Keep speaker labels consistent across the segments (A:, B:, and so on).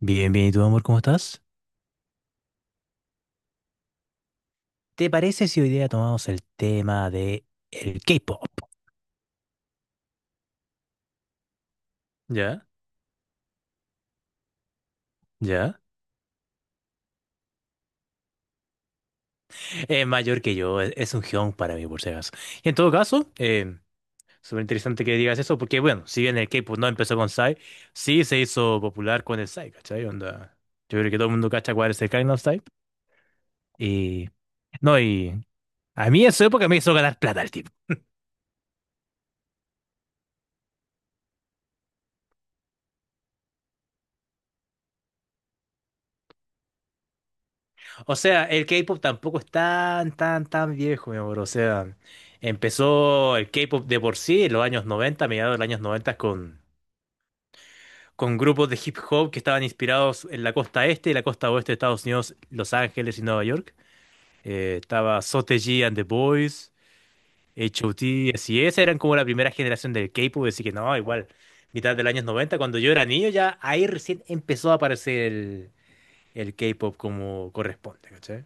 A: Bien, bien, ¿y tú, amor, cómo estás? ¿Te parece si hoy día tomamos el tema de el K-pop? ¿Ya? ¿Ya? Es mayor que yo, es un geón para mí, por si acaso. Y en todo caso, súper interesante que digas eso, porque bueno, si bien el K-pop no empezó con Psy, sí se hizo popular con el Psy, ¿cachai? Onda, yo creo que todo el mundo cacha cuál es el Gangnam Style. Y... No, y... A mí en su época me hizo ganar plata el tipo. O sea, el K-pop tampoco es tan viejo, mi amor. O sea, empezó el K-pop de por sí en los años 90, mediados de los años 90, con grupos de hip hop que estaban inspirados en la costa este y la costa oeste de Estados Unidos, Los Ángeles y Nueva York. Estaba Sotaji and the Boys, H.O.T., así es, eran como la primera generación del K-pop, así que no, igual, mitad de los años 90, cuando yo era niño, ya ahí recién empezó a aparecer el K-pop como corresponde, ¿cachai?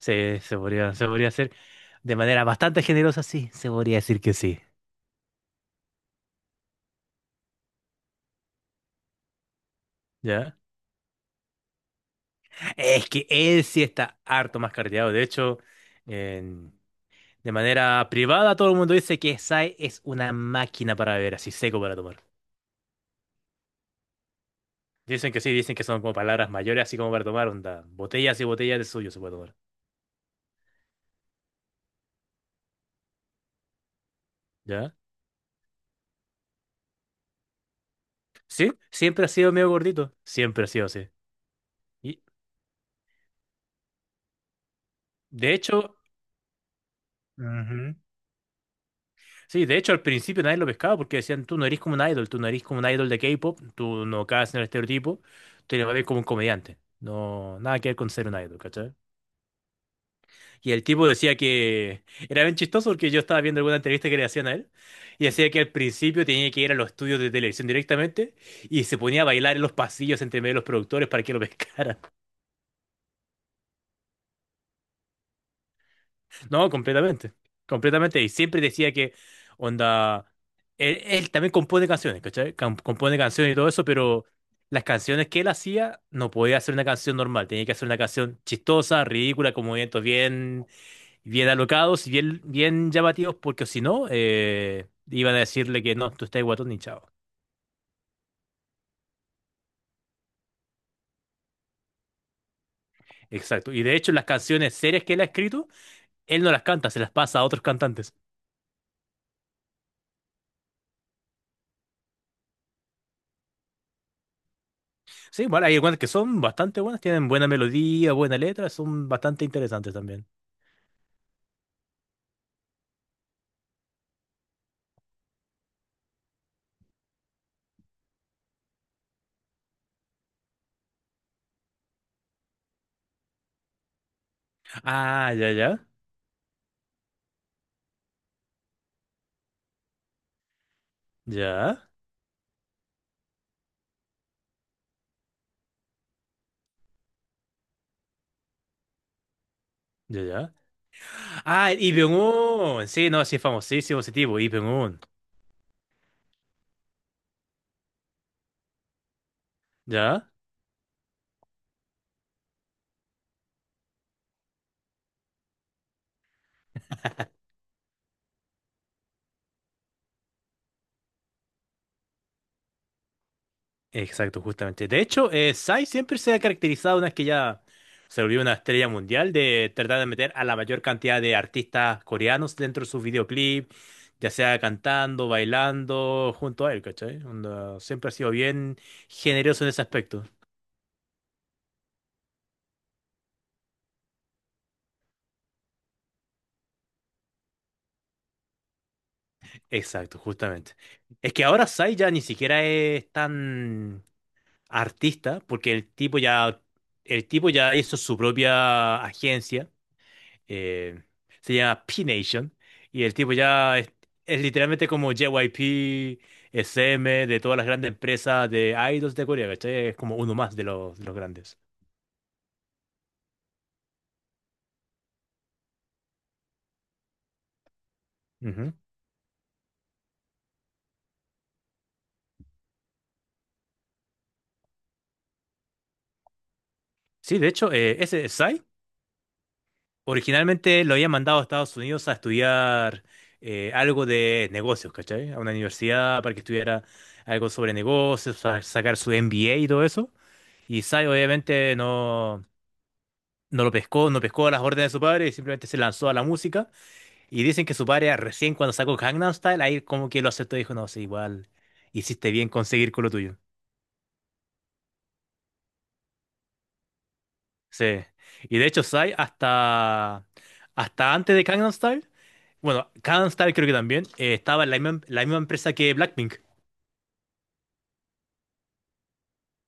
A: Sí, se podría hacer de manera bastante generosa, sí, se podría decir que sí. ¿Ya? Es que él sí está harto más carteado. De hecho, en- de manera privada todo el mundo dice que Sai es una máquina para beber, así seco para tomar. Dicen que sí, dicen que son como palabras mayores, así como para tomar, onda. Botellas y botellas de suyo se puede tomar. ¿Ya? Sí, siempre ha sido medio gordito. Siempre ha sido así. Y de hecho, Ujú. Sí, de hecho al principio nadie lo pescaba porque decían, tú no eres como un idol, tú no eres como un idol de K-pop, tú no caes en el estereotipo, tú eres más bien como un comediante. No, nada que ver con ser un idol, ¿cachai? Y el tipo decía que era bien chistoso porque yo estaba viendo alguna entrevista que le hacían a él y decía que al principio tenía que ir a los estudios de televisión directamente y se ponía a bailar en los pasillos entre medio de los productores para que lo pescaran. No, completamente. Completamente. Y siempre decía que, onda, él también compone canciones, ¿cachai? Compone canciones y todo eso, pero las canciones que él hacía no podía hacer una canción normal. Tenía que hacer una canción chistosa, ridícula, con movimientos bien, bien alocados y bien, bien llamativos, porque si no, iban a decirle que no, tú estás guatón ni chao. Exacto. Y de hecho, las canciones serias que él ha escrito, él no las canta, se las pasa a otros cantantes. Sí, bueno, hay algunas que son bastante buenas, tienen buena melodía, buena letra, son bastante interesantes también. Ah, ya, ya, ya, ya, ya. Ah, Lee Byung-hun, sí, no, sí, es famosísimo ese tipo, Lee Byung-hun, ya, exacto, justamente. De hecho, Psy siempre se ha caracterizado, una vez que ya se volvió una estrella mundial, de tratar de meter a la mayor cantidad de artistas coreanos dentro de sus videoclips, ya sea cantando, bailando, junto a él, ¿cachai? Onda, siempre ha sido bien generoso en ese aspecto. Exacto, justamente. Es que ahora Sai ya ni siquiera es tan artista, porque el tipo ya hizo su propia agencia, eh, se llama P-Nation, y el tipo ya es literalmente como JYP, SM, de todas las grandes empresas de idols de Corea, ¿cachai? Es como uno más de de los grandes. Ujú. Sí, de hecho, ese Psy originalmente lo había mandado a Estados Unidos a estudiar algo de negocios, ¿cachai? A una universidad para que estudiara algo sobre negocios, sacar su MBA y todo eso. Y Sai obviamente no lo pescó, no pescó las órdenes de su padre y simplemente se lanzó a la música. Y dicen que su padre ah, recién cuando sacó Gangnam Style, ahí como que lo aceptó y dijo, no, sí, igual hiciste bien conseguir con lo tuyo. Sí. Y de hecho Sai hasta antes de Gangnam Style, bueno, Kanstar creo que también estaba en la misma empresa que Blackpink.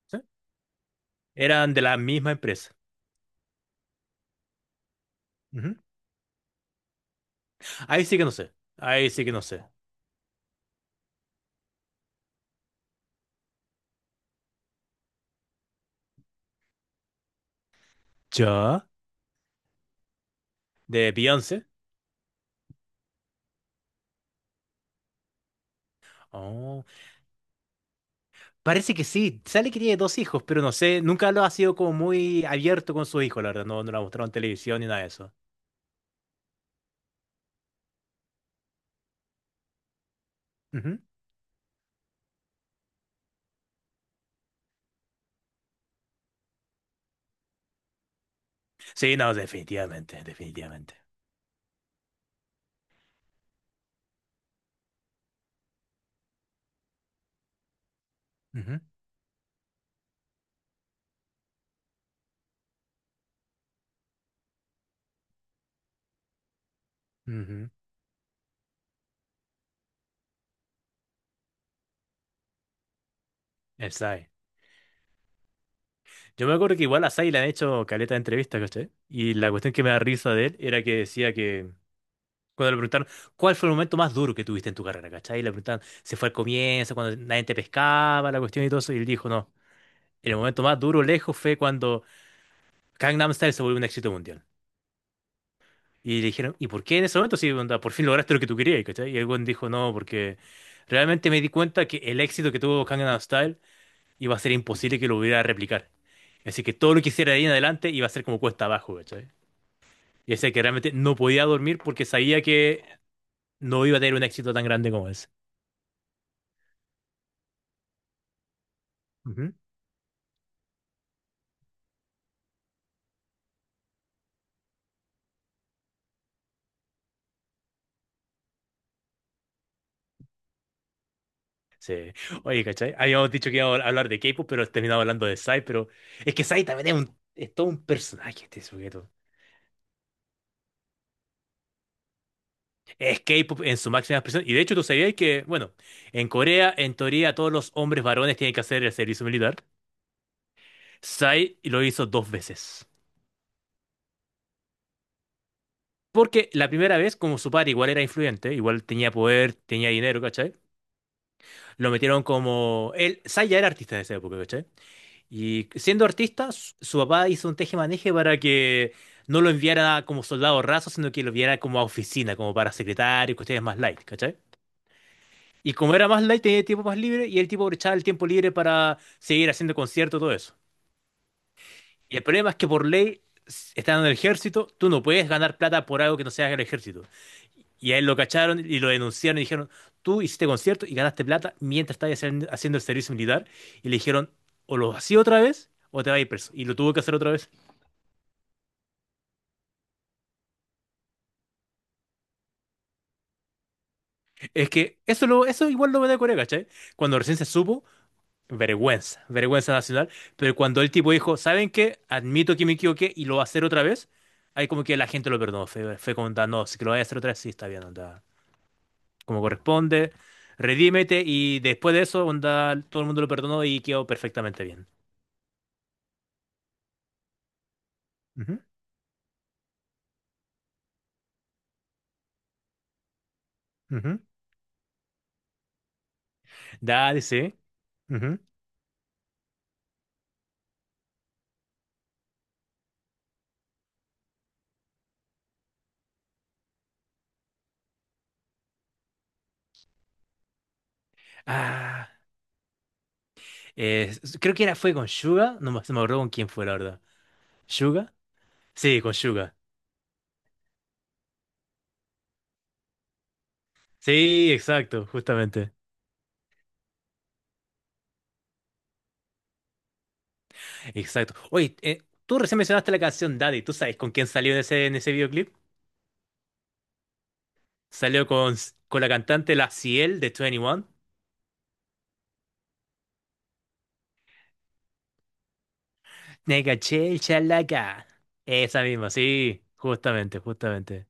A: ¿Sí? Eran de la misma empresa. Ujú. Ahí sí que no sé. Ahí sí que no sé. ¿Ya? ¿De Beyoncé? Oh, parece que sí. Sale que tiene dos hijos, pero no sé. Nunca lo ha sido como muy abierto con su hijo, la verdad. No, no lo ha mostrado en televisión ni nada de eso. Ujú. Sí, no, definitivamente. Definitivamente. Ujú, ujú. El Psy. Yo me acuerdo que igual a Sai le han hecho caleta de entrevistas, ¿cachai? Y la cuestión que me da risa de él era que decía que cuando le preguntaron, ¿cuál fue el momento más duro que tuviste en tu carrera, cachai? Y le preguntaron, ¿se fue al comienzo, cuando nadie te pescaba, la cuestión y todo eso? Y él dijo, no, el momento más duro lejos fue cuando Gangnam Style se volvió un éxito mundial. Y le dijeron, ¿y por qué en ese momento sí, onda, por fin lograste lo que tú querías, cachai? Y el weón dijo, no, porque realmente me di cuenta que el éxito que tuvo Gangnam Style iba a ser imposible que lo hubiera replicar. Así que todo lo que hiciera de ahí en adelante iba a ser como cuesta abajo, ¿cachai? Y decía que realmente no podía dormir porque sabía que no iba a tener un éxito tan grande como ese. Sí. Oye, ¿cachai? Habíamos dicho que íbamos a hablar de K-pop, pero terminamos hablando de Psy, pero es que Psy también es todo un personaje este sujeto. Es K-pop en su máxima expresión. Y de hecho, tú sabías que, bueno, en Corea, en teoría, todos los hombres varones tienen que hacer el servicio militar. Psy lo hizo dos veces. Porque la primera vez, como su padre igual era influyente, igual tenía poder, tenía dinero, ¿cachai? Lo metieron como... Él, Psy ya era artista en esa época, ¿cachai? Y siendo artista, su papá hizo un tejemaneje para que no lo enviara como soldado raso, sino que lo enviara como a oficina, como para secretario y cuestiones más light, ¿cachai? Y como era más light, tenía tiempo más libre y el tipo aprovechaba el tiempo libre para seguir haciendo conciertos, todo eso. Y el problema es que por ley, estando en el ejército, tú no puedes ganar plata por algo que no sea el ejército. Y a él lo cacharon y lo denunciaron y dijeron, tú hiciste conciertos y ganaste plata mientras estabas haciendo el servicio militar. Y le dijeron, o lo hacía otra vez o te vas a ir preso. Y lo tuvo que hacer otra vez. Es que eso igual lo me da Corea, ¿cachai? Cuando recién se supo, vergüenza, vergüenza nacional. Pero cuando el tipo dijo, ¿saben qué? Admito que me equivoqué y lo va a hacer otra vez, ahí como que la gente lo perdonó. Fue como, "Ah, no, si que lo voy a hacer otra vez, sí, está bien, onda. Como corresponde, redímete" y después de eso, onda, todo el mundo lo perdonó y quedó perfectamente bien. Ujú, ujú. Dale, sí. Ujú. Ah, eh, Creo que era, fue con Suga, no me, se me acuerdo con quién fue, la verdad. ¿Suga? Sí, con Suga. Sí, exacto, justamente. Exacto. Oye, tú recién mencionaste la canción Daddy. ¿Tú sabes con quién salió en en ese videoclip? Salió con la cantante La Ciel de Twenty One. Nega Chel Chalaca. Esa misma, sí, justamente, justamente.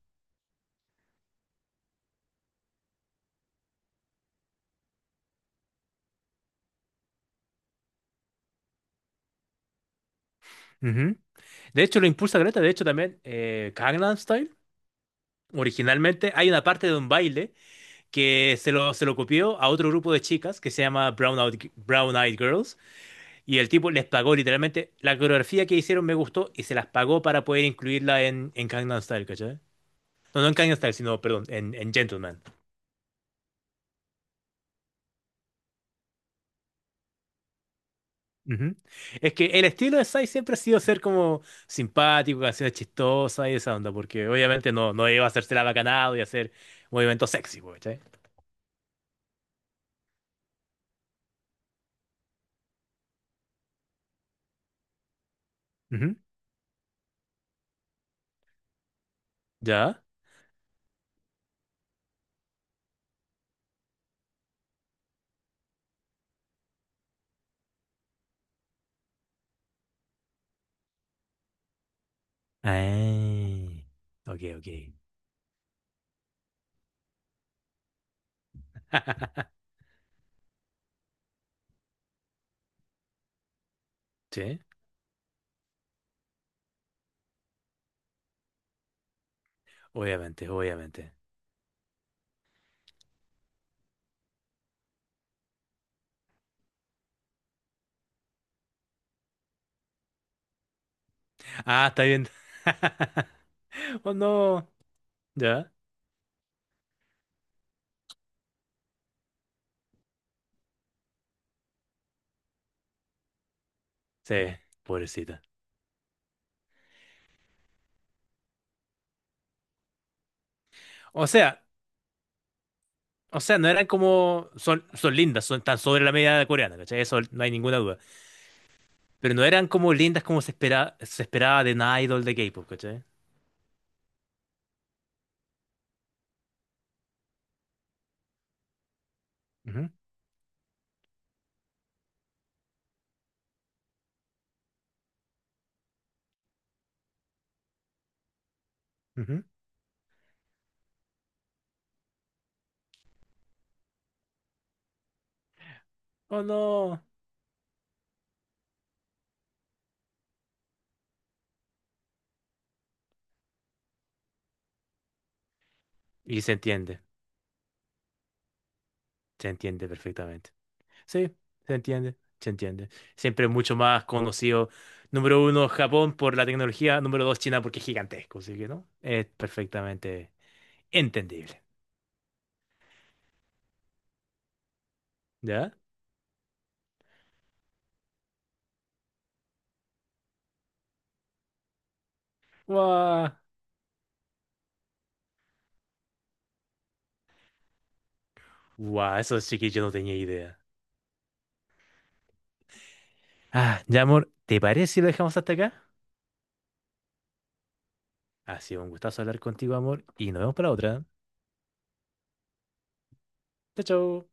A: Ujú. De hecho, lo impulsa Greta. De hecho, también Gangnam Style originalmente hay una parte de un baile que se lo copió a otro grupo de chicas que se llama Brown Eyed Girls. Y el tipo les pagó literalmente. La coreografía que hicieron me gustó y se las pagó para poder incluirla en Gangnam Style, ¿cachai? No, no en Gangnam Style, sino, perdón, en Gentleman. Ujú. Es que el estilo de Psy siempre ha sido ser como simpático, canciones chistosas y esa onda, porque obviamente no iba a hacerse la bacanado y hacer movimientos sexy, po, ¿cachai? Ujú. ¿Ya? Ay. Ok, ok. Sí, obviamente, obviamente. Ah, está bien. Oh no. ¿Ya? Sí, pobrecita. O sea, o sea, no eran como. Son, son lindas, son tan sobre la media coreana, ¿cachai? Eso no hay ninguna duda. Pero no eran como lindas como se espera, se esperaba de una idol de K-pop, ¿cachai? Ujú, ujú. Oh no. Y se entiende perfectamente. Sí, se entiende, se entiende. Siempre es mucho más conocido, número uno, Japón por la tecnología, número dos, China porque es gigantesco, así que no. Es perfectamente entendible. ¿Ya? Guau. Guau, eso sí que yo no tenía idea. Ah, ya, amor, ¿te parece si lo dejamos hasta acá? Ha sido un gustazo hablar contigo, amor, y nos vemos para otra. Chao, chao.